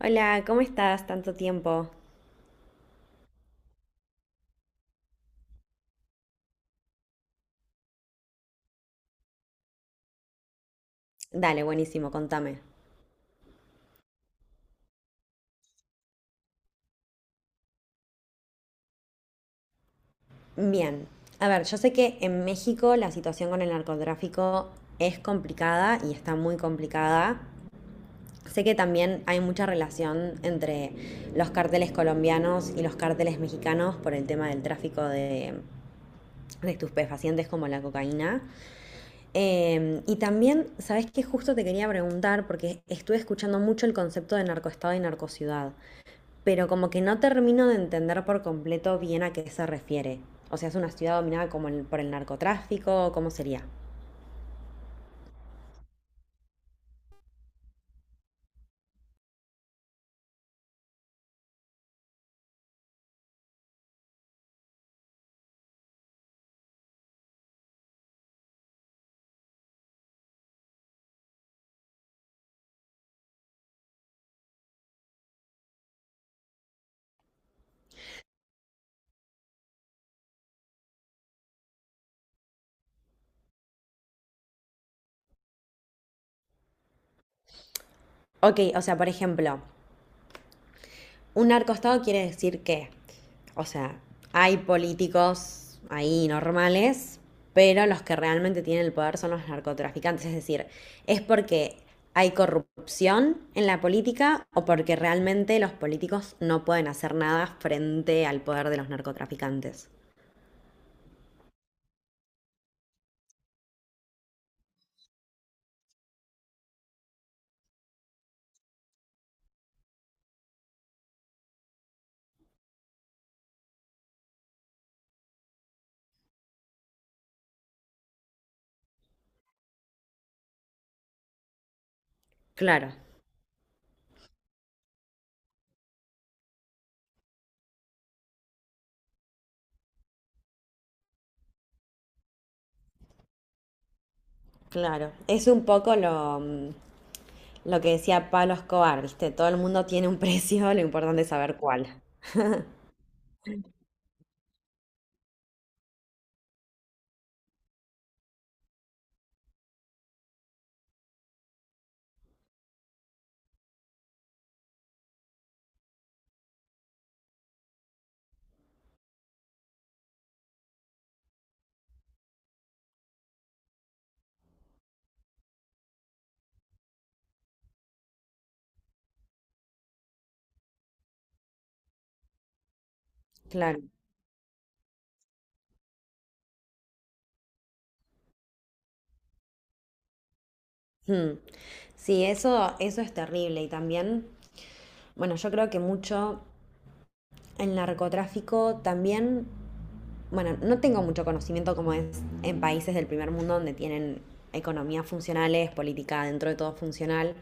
Hola, ¿cómo estás? Tanto tiempo. Dale, buenísimo, contame. Bien. A ver, yo sé que en México la situación con el narcotráfico es complicada y está muy complicada. Sé que también hay mucha relación entre los cárteles colombianos y los cárteles mexicanos por el tema del tráfico de estupefacientes como la cocaína. Y también, ¿sabes qué? Justo te quería preguntar, porque estuve escuchando mucho el concepto de narcoestado y narcociudad, pero como que no termino de entender por completo bien a qué se refiere. O sea, es una ciudad dominada como por el narcotráfico, ¿cómo sería? Ok, o sea, por ejemplo, un narcoestado quiere decir que, o sea, hay políticos ahí normales, pero los que realmente tienen el poder son los narcotraficantes. Es decir, es porque hay corrupción en la política o porque realmente los políticos no pueden hacer nada frente al poder de los narcotraficantes. Claro. Claro, es un poco lo, lo que decía Pablo Escobar, ¿viste? Todo el mundo tiene un precio, lo importante es saber cuál. Claro. Mm. Sí, eso es terrible. Y también, bueno, yo creo que mucho el narcotráfico también, bueno, no tengo mucho conocimiento como es en países del primer mundo donde tienen economías funcionales, política dentro de todo funcional.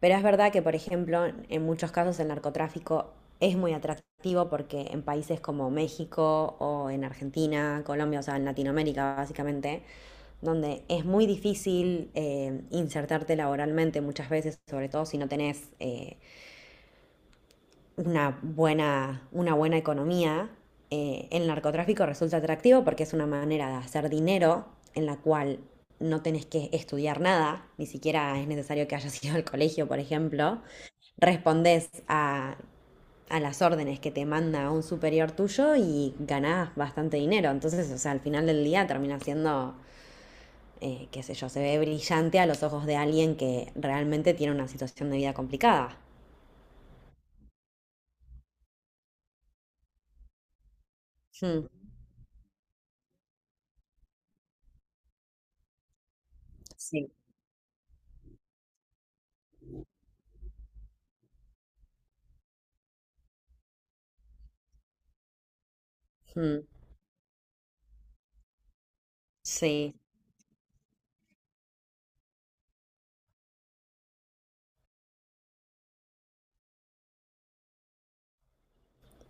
Pero es verdad que, por ejemplo, en muchos casos el narcotráfico es muy atractivo porque en países como México o en Argentina, Colombia, o sea, en Latinoamérica básicamente, donde es muy difícil insertarte laboralmente muchas veces, sobre todo si no tenés una buena economía, el narcotráfico resulta atractivo porque es una manera de hacer dinero en la cual no tenés que estudiar nada, ni siquiera es necesario que hayas ido al colegio, por ejemplo, respondes a las órdenes que te manda un superior tuyo y ganás bastante dinero. Entonces, o sea, al final del día termina siendo, qué sé yo, se ve brillante a los ojos de alguien que realmente tiene una situación de vida complicada. Mm, sí. Mm, sí,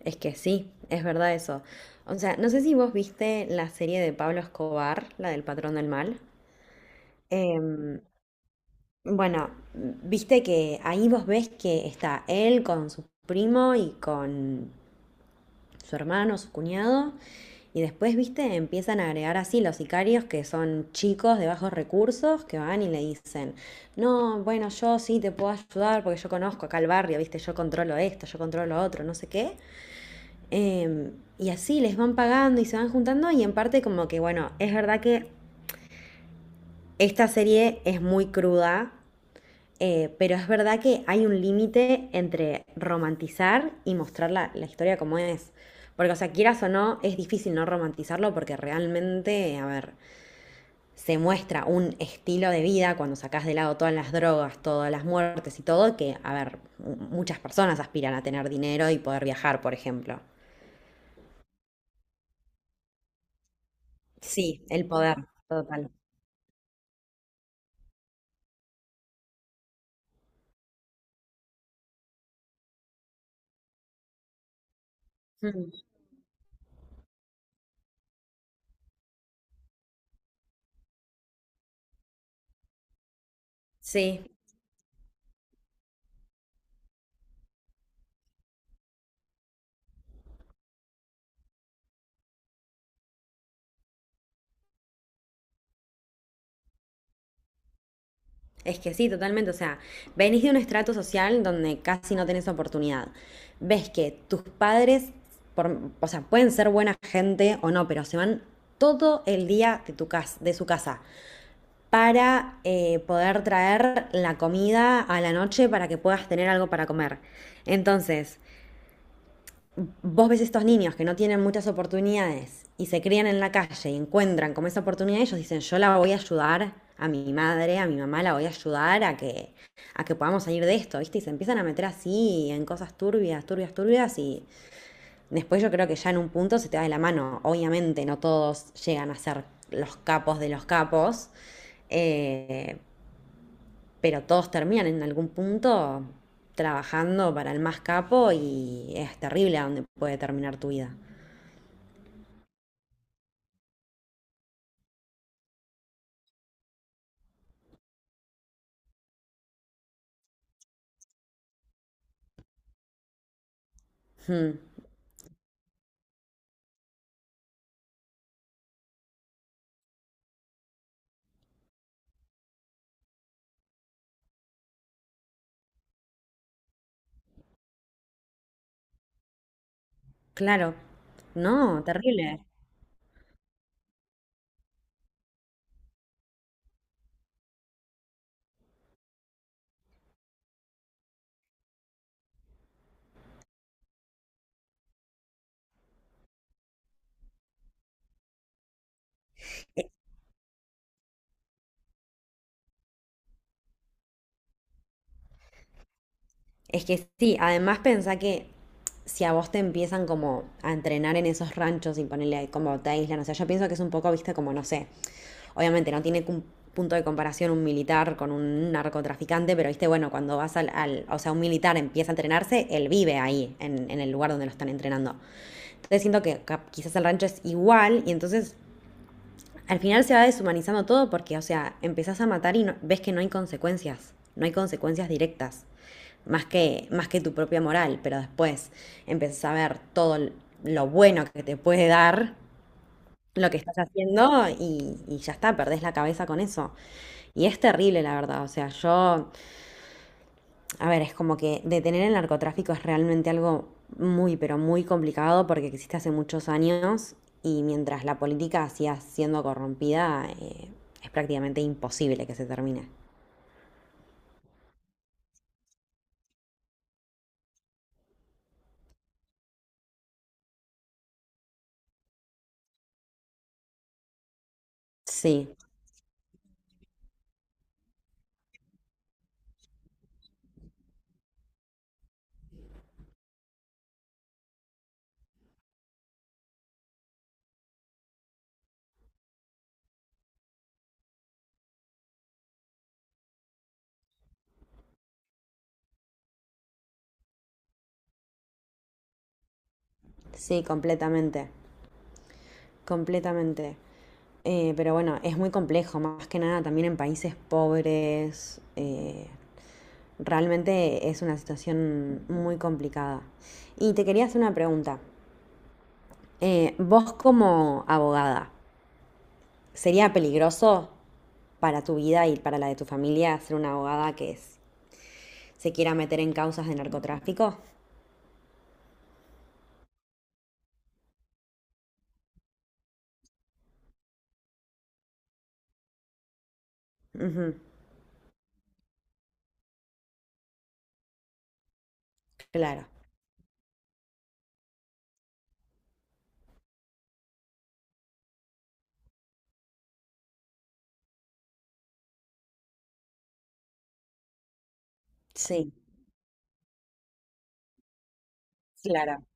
es que sí, es verdad eso. O sea, no sé si vos viste la serie de Pablo Escobar, la del patrón del mal. Em, Bueno, viste que ahí vos ves que está él con su primo y con su hermano, su cuñado, y después, viste, empiezan a agregar así los sicarios que son chicos de bajos recursos que van y le dicen, no, bueno, yo sí te puedo ayudar porque yo conozco acá el barrio, viste, yo controlo esto, yo controlo otro, no sé qué. Em, y así les van pagando y se van juntando y en parte como que, bueno, es verdad que esta serie es muy cruda. Pero es verdad que hay un límite entre romantizar y mostrar la historia como es. Porque, o sea, quieras o no, es difícil no romantizarlo porque realmente, a ver, se muestra un estilo de vida cuando sacas de lado todas las drogas, todas las muertes y todo, que, a ver, muchas personas aspiran a tener dinero y poder viajar, por ejemplo. Sí, el poder, total. Mm. Sí. Es que sí, totalmente. O sea, venís de un estrato social donde casi no tenés oportunidad. Ves que tus padres, o sea, pueden ser buena gente o no, pero se van todo el día tu casa, de su casa para poder traer la comida a la noche para que puedas tener algo para comer. Entonces, vos ves estos niños que no tienen muchas oportunidades y se crían en la calle y encuentran como esa oportunidad, ellos dicen, yo la voy a ayudar a mi madre, a mi mamá, la voy a ayudar a que podamos salir de esto, ¿viste? Y se empiezan a meter así en cosas turbias, turbias, turbias y después yo creo que ya en un punto se te va de la mano. Obviamente no todos llegan a ser los capos de los capos, eh, pero todos terminan en algún punto trabajando para el más capo y es terrible a dónde puede terminar tu vida. Mm, claro. No, terrible. E- Es que sí, además pensá que si a vos te empiezan como a entrenar en esos ranchos y ponerle ahí como te aíslan, o sea, yo pienso que es un poco, viste, como no sé, obviamente no tiene un punto de comparación un militar con un narcotraficante, pero viste, bueno, cuando vas o sea, un militar empieza a entrenarse, él vive ahí, en el lugar donde lo están entrenando. Entonces siento que quizás el rancho es igual y entonces al final se va deshumanizando todo porque, o sea, empezás a matar y ves que no hay consecuencias, no hay consecuencias directas, más que tu propia moral, pero después empezás a ver todo lo bueno que te puede dar lo que estás haciendo y ya está, perdés la cabeza con eso. Y es terrible, la verdad, o sea, yo, a ver, es como que detener el narcotráfico es realmente algo muy, pero muy complicado porque existe hace muchos años y mientras la política siga siendo corrompida, es prácticamente imposible que se termine. Sí, sí, completamente, completamente. Pero bueno, es muy complejo, más que nada también en países pobres. Realmente es una situación muy complicada. Y te quería hacer una pregunta. Vos como abogada, sería peligroso para tu vida y para la de tu familia ser una abogada se quiera meter en causas de narcotráfico. Ujú. Claro, sí, claro,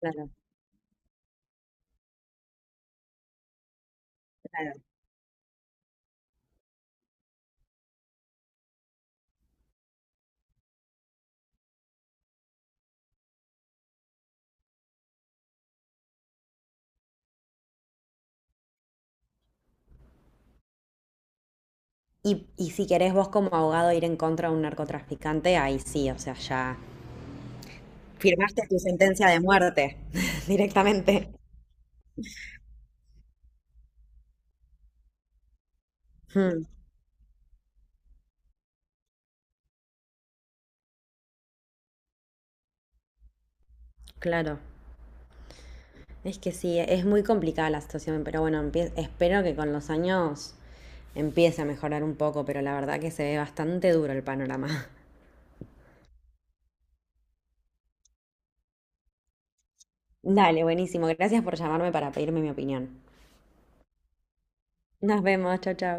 claro, claro. Y si querés vos como abogado ir en contra de un narcotraficante, ahí sí, o sea, ya firmaste tu sentencia de muerte directamente. Mm, claro, es que sí, es muy complicada la situación, pero bueno, espero que con los años empiece a mejorar un poco, pero la verdad que se ve bastante duro el panorama. Dale, buenísimo. Gracias por llamarme para pedirme mi opinión. Nos vemos. Chao, chao.